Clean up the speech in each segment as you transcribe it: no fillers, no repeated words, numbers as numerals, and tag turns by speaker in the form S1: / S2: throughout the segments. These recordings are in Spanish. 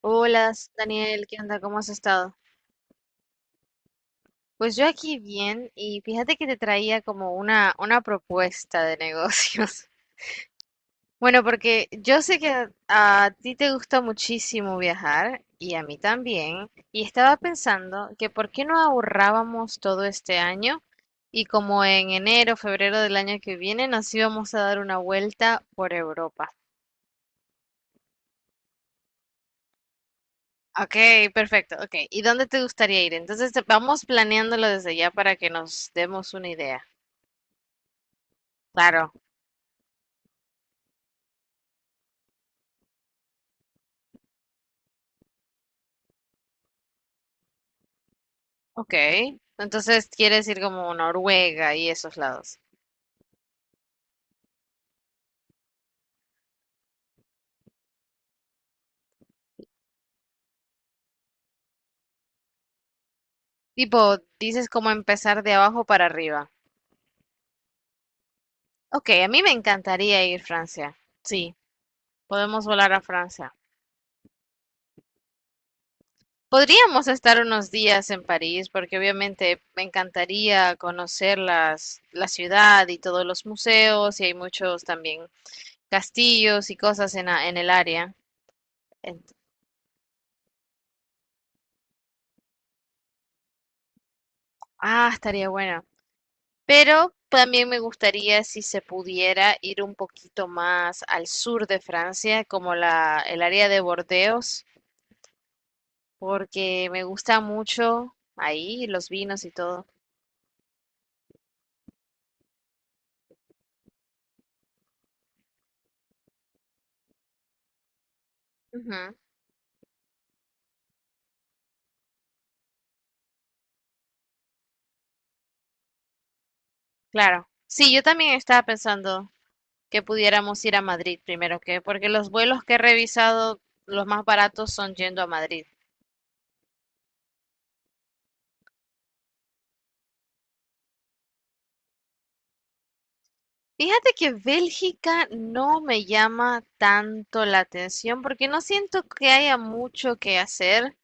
S1: Hola, Daniel, ¿qué onda? ¿Cómo has estado? Pues yo aquí bien y fíjate que te traía como una propuesta de negocios. Bueno, porque yo sé que a ti te gusta muchísimo viajar y a mí también, y estaba pensando que por qué no ahorrábamos todo este año y como en enero, febrero del año que viene nos íbamos a dar una vuelta por Europa. Ok, perfecto, ok. ¿Y dónde te gustaría ir? Entonces vamos planeándolo desde ya para que nos demos una idea. Claro, ok. Entonces quieres ir como Noruega y esos lados. Tipo, dices como empezar de abajo para arriba. Ok, a mí me encantaría ir a Francia. Sí, podemos volar a Francia. Podríamos estar unos días en París porque obviamente me encantaría conocer la ciudad y todos los museos y hay muchos también castillos y cosas en el área. Ent- ah, estaría bueno. Pero también me gustaría si se pudiera ir un poquito más al sur de Francia, como el área de Bordeos, porque me gusta mucho ahí los vinos y todo. Ujú, claro. Sí, yo también estaba pensando que pudiéramos ir a Madrid primero que, porque los vuelos que he revisado, los más baratos son yendo a Madrid. Fíjate que Bélgica no me llama tanto la atención porque no siento que haya mucho que hacer.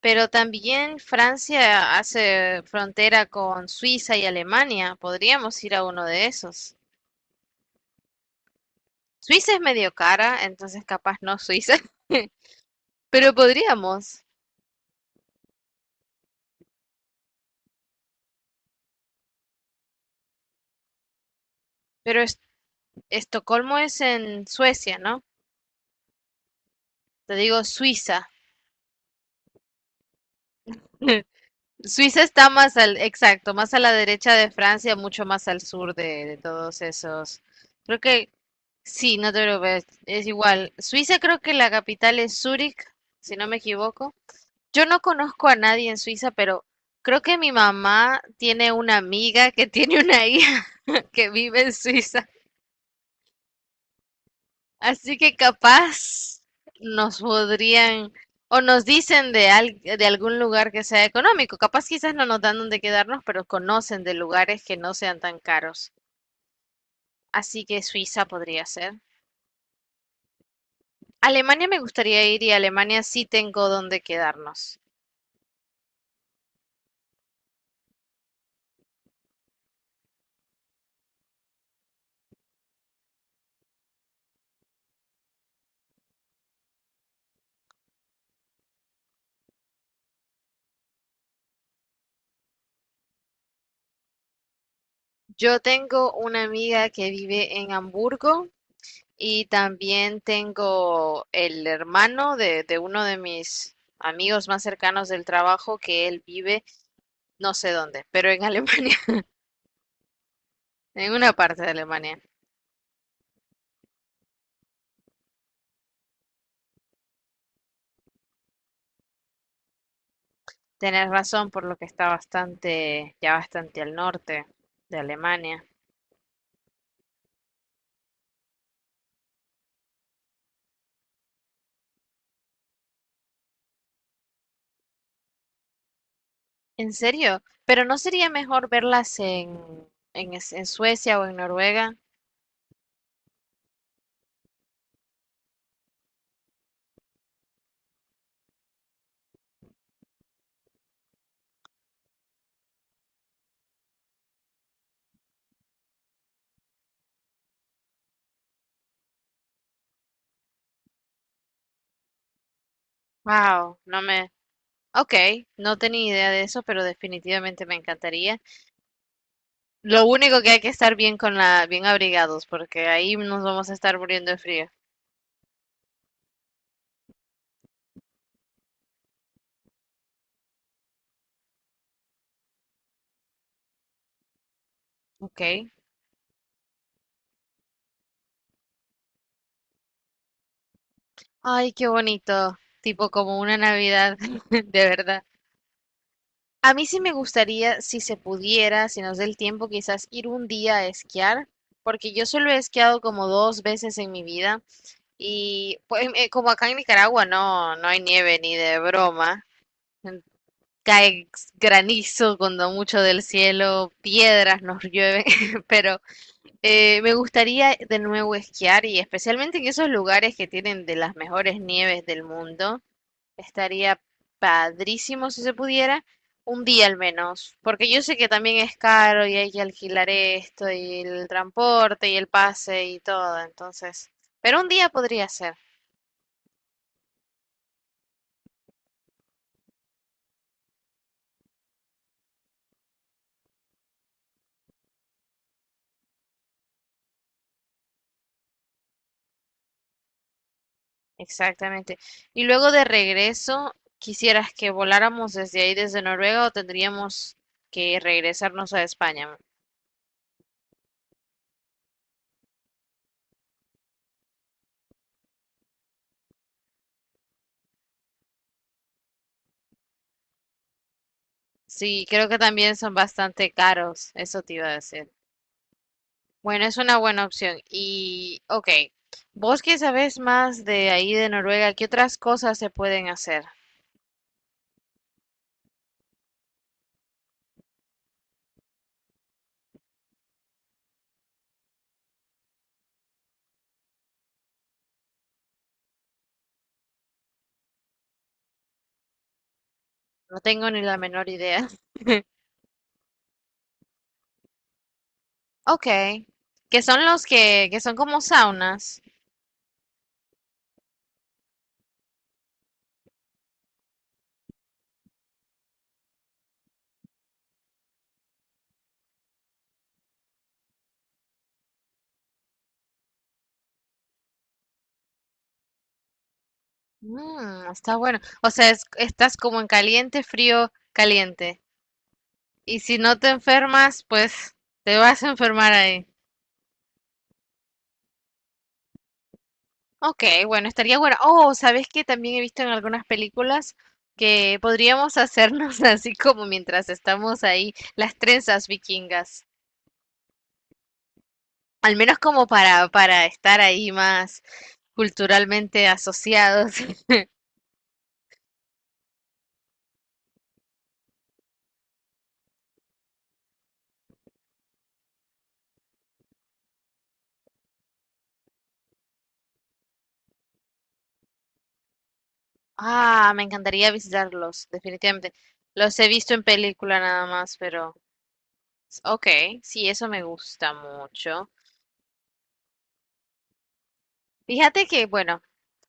S1: Pero también Francia hace frontera con Suiza y Alemania. Podríamos ir a uno de esos. Suiza es medio cara, entonces capaz no Suiza, pero podríamos. Pero es- Estocolmo es en Suecia, ¿no? Te digo Suiza. Suiza está más al, exacto, más a la derecha de Francia, mucho más al sur de todos esos. Creo que sí, no te preocupes, es igual. Suiza creo que la capital es Zúrich, si no me equivoco. Yo no conozco a nadie en Suiza, pero creo que mi mamá tiene una amiga que tiene una hija que vive en Suiza. Así que capaz nos podrían o nos dicen de algún lugar que sea económico. Capaz quizás no nos dan donde quedarnos, pero conocen de lugares que no sean tan caros. Así que Suiza podría ser. Alemania me gustaría ir y Alemania sí tengo donde quedarnos. Yo tengo una amiga que vive en Hamburgo. Y también tengo el hermano de uno de mis amigos más cercanos del trabajo que él vive no sé dónde, pero en Alemania, en una parte de Alemania. Tenés razón por lo que está bastante, ya bastante al norte de Alemania. ¿En serio? ¿Pero no sería mejor verlas en Suecia o en Noruega? Wow. Ok, no tenía idea de eso, pero definitivamente me encantaría. Lo único que hay que estar bien con bien abrigados, porque ahí nos vamos a estar muriendo de frío. Ok. Ay, qué bonito. Tipo como una Navidad, de verdad. A mí sí me gustaría, si se pudiera, si nos da el tiempo, quizás ir un día a esquiar, porque yo solo he esquiado como dos veces en mi vida y pues, como acá en Nicaragua no, no hay nieve ni de broma, en- cae granizo cuando mucho del cielo, piedras nos llueven. Pero eh, me gustaría de nuevo esquiar y especialmente en esos lugares que tienen de las mejores nieves del mundo. Estaría padrísimo si se pudiera, un día al menos, porque yo sé que también es caro y hay que alquilar esto y el transporte y el pase y todo, entonces, pero un día podría ser, exactamente. Y luego de regreso, ¿quisieras que voláramos desde ahí, desde Noruega, o tendríamos que regresarnos a España? Sí, creo que también son bastante caros, eso te iba a decir. Bueno, es una buena opción. Y, ok, vos que sabés más de ahí de Noruega, ¿qué otras cosas se pueden hacer? No tengo ni la menor idea. Ok, que son los que son como saunas. Mm, está bueno. O sea, estás como en caliente, frío, caliente. Y si no te enfermas, pues te vas a enfermar ahí. Ok, bueno, estaría bueno. Oh, ¿sabes qué? También he visto en algunas películas que podríamos hacernos así como mientras estamos ahí, las trenzas vikingas. Al menos como para estar ahí más culturalmente asociados. Ah, me encantaría visitarlos, definitivamente. Los he visto en película nada más, pero ok, sí, eso me gusta mucho. Fíjate que, bueno,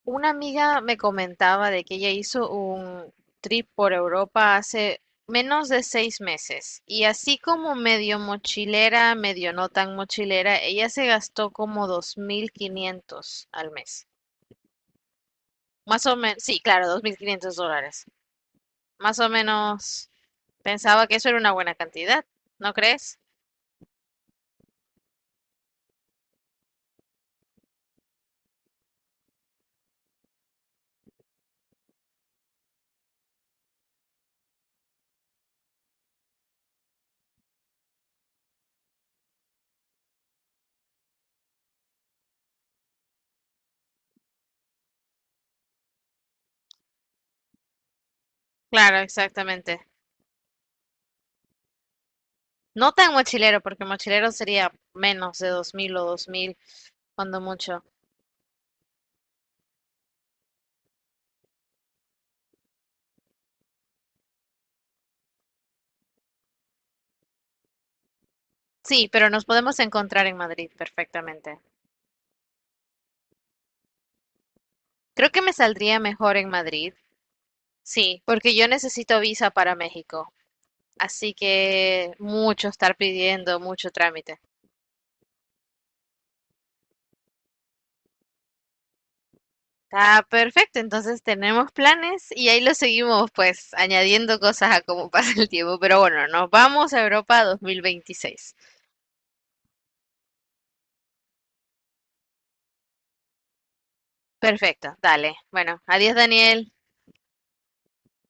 S1: una amiga me comentaba de que ella hizo un trip por Europa hace menos de 6 meses y así como medio mochilera, medio no tan mochilera, ella se gastó como 2500 al mes. Más o menos, sí, claro, $2500. Más o menos pensaba que eso era una buena cantidad, ¿no crees? Claro, exactamente. No tan mochilero, porque mochilero sería menos de 2000 o 2000 cuando mucho. Sí, pero nos podemos encontrar en Madrid perfectamente. Creo que me saldría mejor en Madrid, sí, porque yo necesito visa para México. Así que mucho estar pidiendo, mucho trámite. Está perfecto, entonces tenemos planes y ahí lo seguimos pues añadiendo cosas a cómo pasa el tiempo. Pero bueno, nos vamos a Europa 2026. Perfecto, dale. Bueno, adiós Daniel.